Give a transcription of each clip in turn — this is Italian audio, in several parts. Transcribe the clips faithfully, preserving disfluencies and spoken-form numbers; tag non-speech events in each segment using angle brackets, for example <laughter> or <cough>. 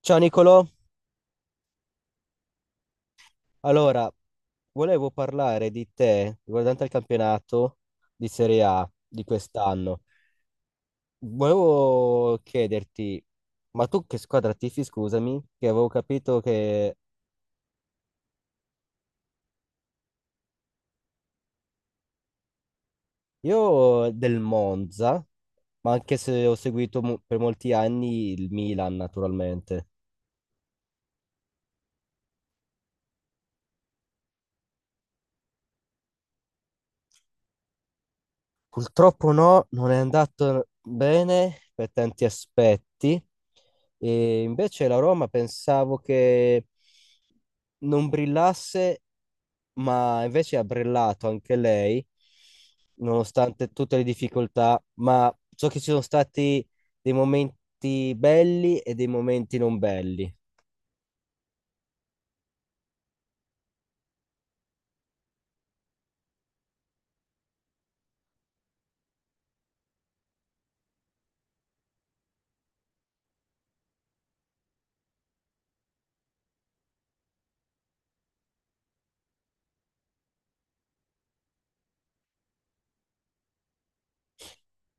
Ciao Nicolò, allora volevo parlare di te riguardante il campionato di Serie A di quest'anno. Volevo chiederti, ma tu che squadra tifi, scusami, che avevo capito che io del Monza, ma anche se ho seguito mo- per molti anni il Milan naturalmente. Purtroppo no, non è andato bene per tanti aspetti. E invece la Roma pensavo che non brillasse, ma invece ha brillato anche lei, nonostante tutte le difficoltà. Ma so che ci sono stati dei momenti belli e dei momenti non belli.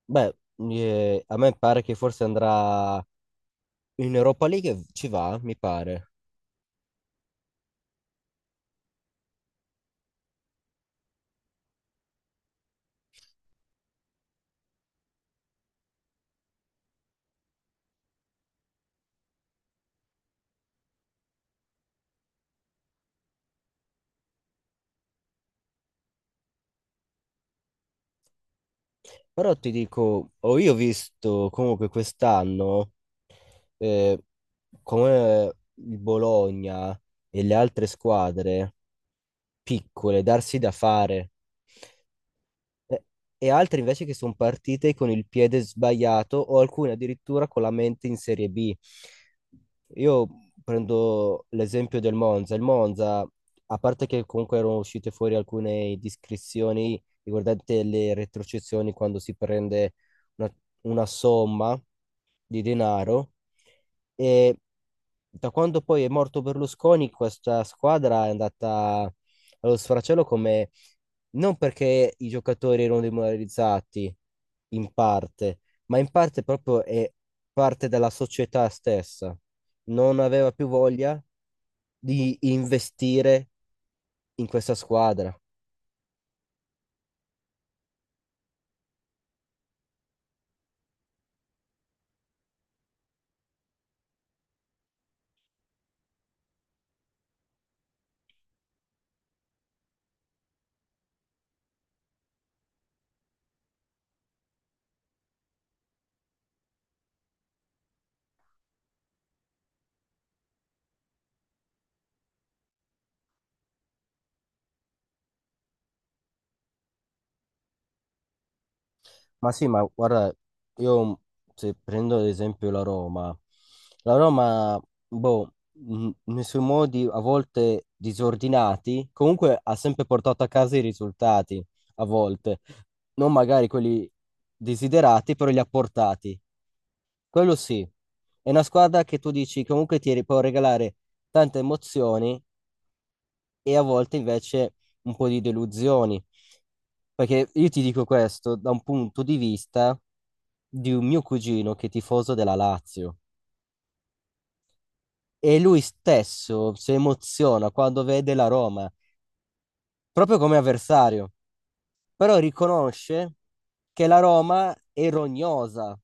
Beh, eh, a me pare che forse andrà in Europa League, ci va, mi pare. Però ti dico, ho io visto comunque quest'anno eh, come il Bologna e le altre squadre piccole darsi da fare. Eh, E altre invece che sono partite con il piede sbagliato o alcune addirittura con la mente in Serie B. Io prendo l'esempio del Monza. Il Monza, a parte che comunque erano uscite fuori alcune discrezioni riguardanti le retrocessioni quando si prende una, una somma di denaro, e da quando poi è morto Berlusconi, questa squadra è andata allo sfracello come non perché i giocatori erano demoralizzati in parte, ma in parte proprio è parte della società stessa. Non aveva più voglia di investire in questa squadra. Ma sì, ma guarda, io se prendo ad esempio la Roma, la Roma, boh, mh, nei suoi modi a volte disordinati, comunque ha sempre portato a casa i risultati, a volte, non magari quelli desiderati, però li ha portati. Quello sì, è una squadra che tu dici comunque ti ri- può regalare tante emozioni e a volte invece un po' di delusioni. Perché io ti dico questo da un punto di vista di un mio cugino che è tifoso della Lazio e lui stesso si emoziona quando vede la Roma, proprio come avversario, però riconosce che la Roma è rognosa.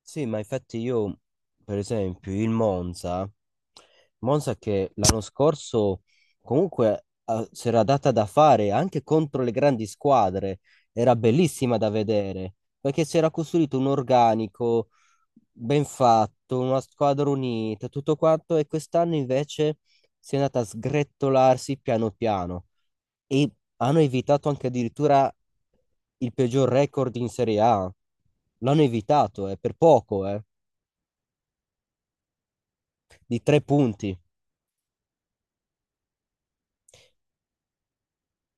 Sì, ma infatti io, per esempio, il Monza, Monza che l'anno scorso comunque eh, si era data da fare anche contro le grandi squadre, era bellissima da vedere, perché si era costruito un organico ben fatto, una squadra unita, tutto quanto, e quest'anno invece si è andata a sgretolarsi piano piano e hanno evitato anche addirittura il peggior record in Serie A. L'hanno evitato, eh, per poco, eh, di tre punti.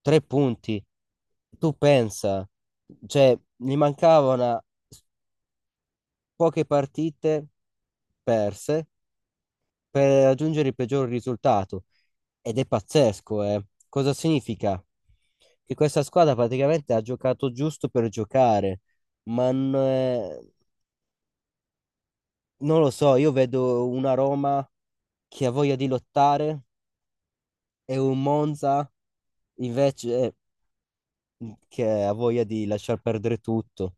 Tre punti. Tu pensa, cioè, gli mancavano poche partite perse per raggiungere il peggior risultato. Ed è pazzesco, eh. Cosa significa? Che questa squadra praticamente ha giocato giusto per giocare, ma non è- non lo so, io vedo una Roma che ha voglia di lottare e un Monza invece eh, che ha voglia di lasciar perdere tutto.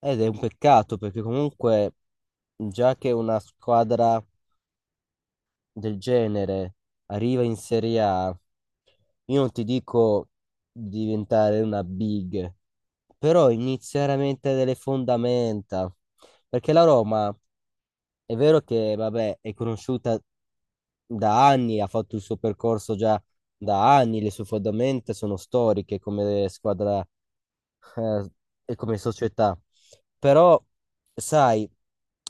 Ed è un peccato perché comunque già che una squadra del genere arriva in Serie A, io non ti dico diventare una big, però inizia veramente delle fondamenta, perché la Roma è vero che, vabbè, è conosciuta da anni, ha fatto il suo percorso già da anni, le sue fondamenta sono storiche come squadra, eh, e come società. Però, sai,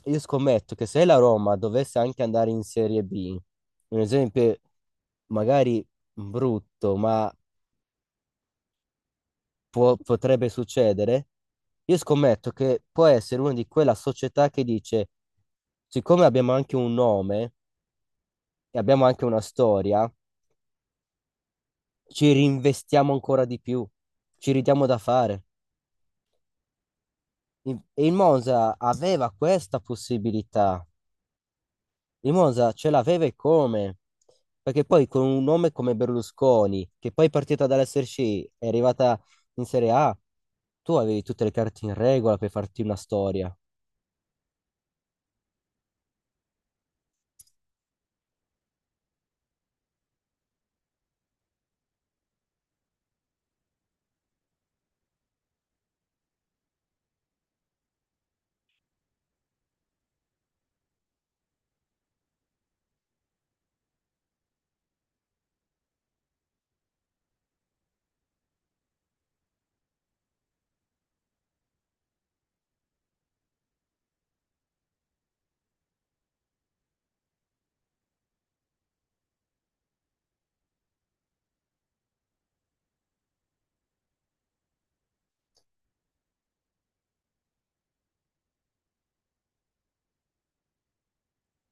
io scommetto che se la Roma dovesse anche andare in Serie B, un esempio magari brutto, ma può- potrebbe succedere, io scommetto che può essere una di quella società che dice, siccome abbiamo anche un nome, e abbiamo anche una storia, ci rinvestiamo ancora di più, ci ridiamo da fare. Il- E il Monza aveva questa possibilità. Il Monza ce l'aveva e come? Perché poi con un nome come Berlusconi, che poi è partita dall'SRC, è arrivata in Serie A, tu avevi tutte le carte in regola per farti una storia.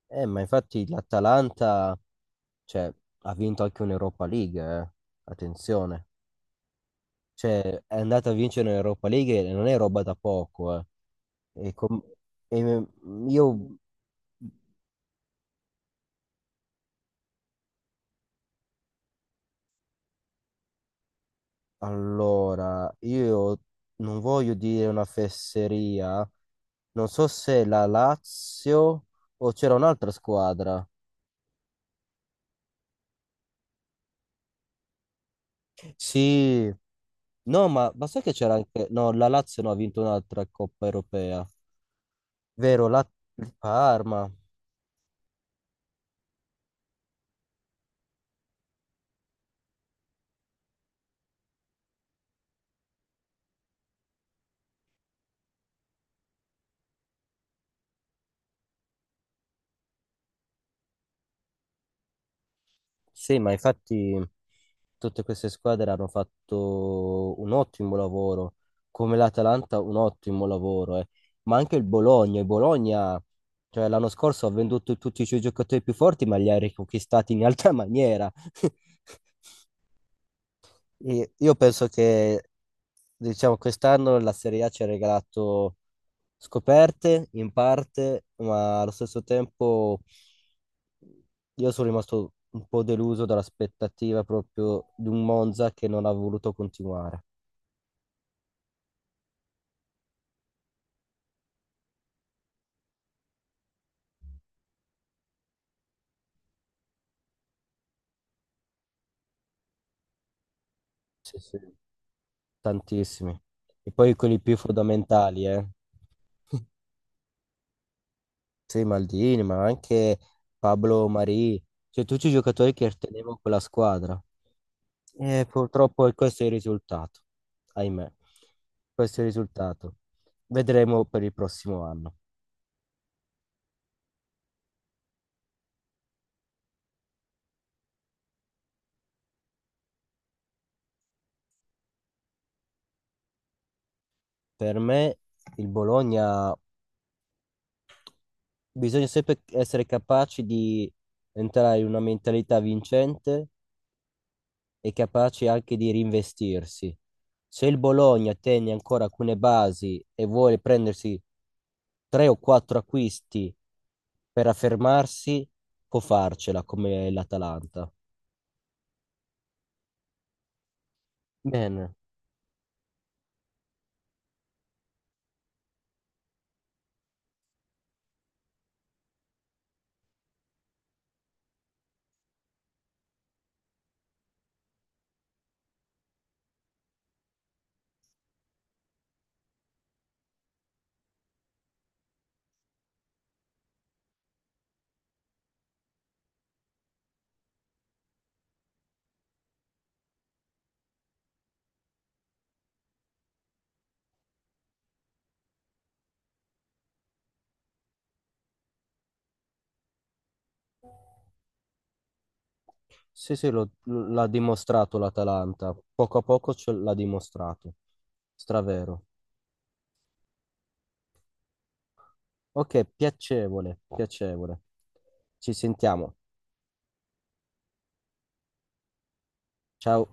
Eh, ma infatti l'Atalanta, cioè, ha vinto anche un'Europa League, eh. Attenzione. Cioè, è andata a vincere un'Europa League e non è roba da poco, eh. E com- e me- io allora, io non voglio dire una fesseria, non so se la Lazio o c'era un'altra squadra. Sì, no, ma, ma sai che c'era anche... No, la Lazio no, ha vinto un'altra Coppa Europea. Vero, la il Parma. Sì, ma infatti tutte queste squadre hanno fatto un ottimo lavoro, come l'Atalanta un ottimo lavoro, eh. Ma anche il Bologna, il Bologna, cioè l'anno scorso ha venduto tutti i suoi giocatori più forti, ma li ha riconquistati in altra maniera. <laughs> E io penso che, diciamo, quest'anno la Serie A ci ha regalato scoperte in parte, ma allo stesso tempo io sono rimasto un po' deluso dall'aspettativa proprio di un Monza che non ha voluto continuare. Sì, sì. Tantissimi. E poi quelli più fondamentali, eh. <laughs> Sì, Maldini, ma anche Pablo Marì, cioè tutti i giocatori che tenevano quella squadra. E purtroppo questo è il risultato, ahimè. Questo è il risultato. Vedremo per il prossimo anno. Per me il Bologna bisogna sempre essere capaci di entrare in una mentalità vincente e capaci anche di reinvestirsi. Se il Bologna tiene ancora alcune basi e vuole prendersi tre o quattro acquisti per affermarsi, può farcela come l'Atalanta. Bene, sì, sì, lo- l'ha dimostrato l'Atalanta. Poco a poco ce l'ha dimostrato. Stravero. Ok, piacevole, piacevole. Ci sentiamo. Ciao.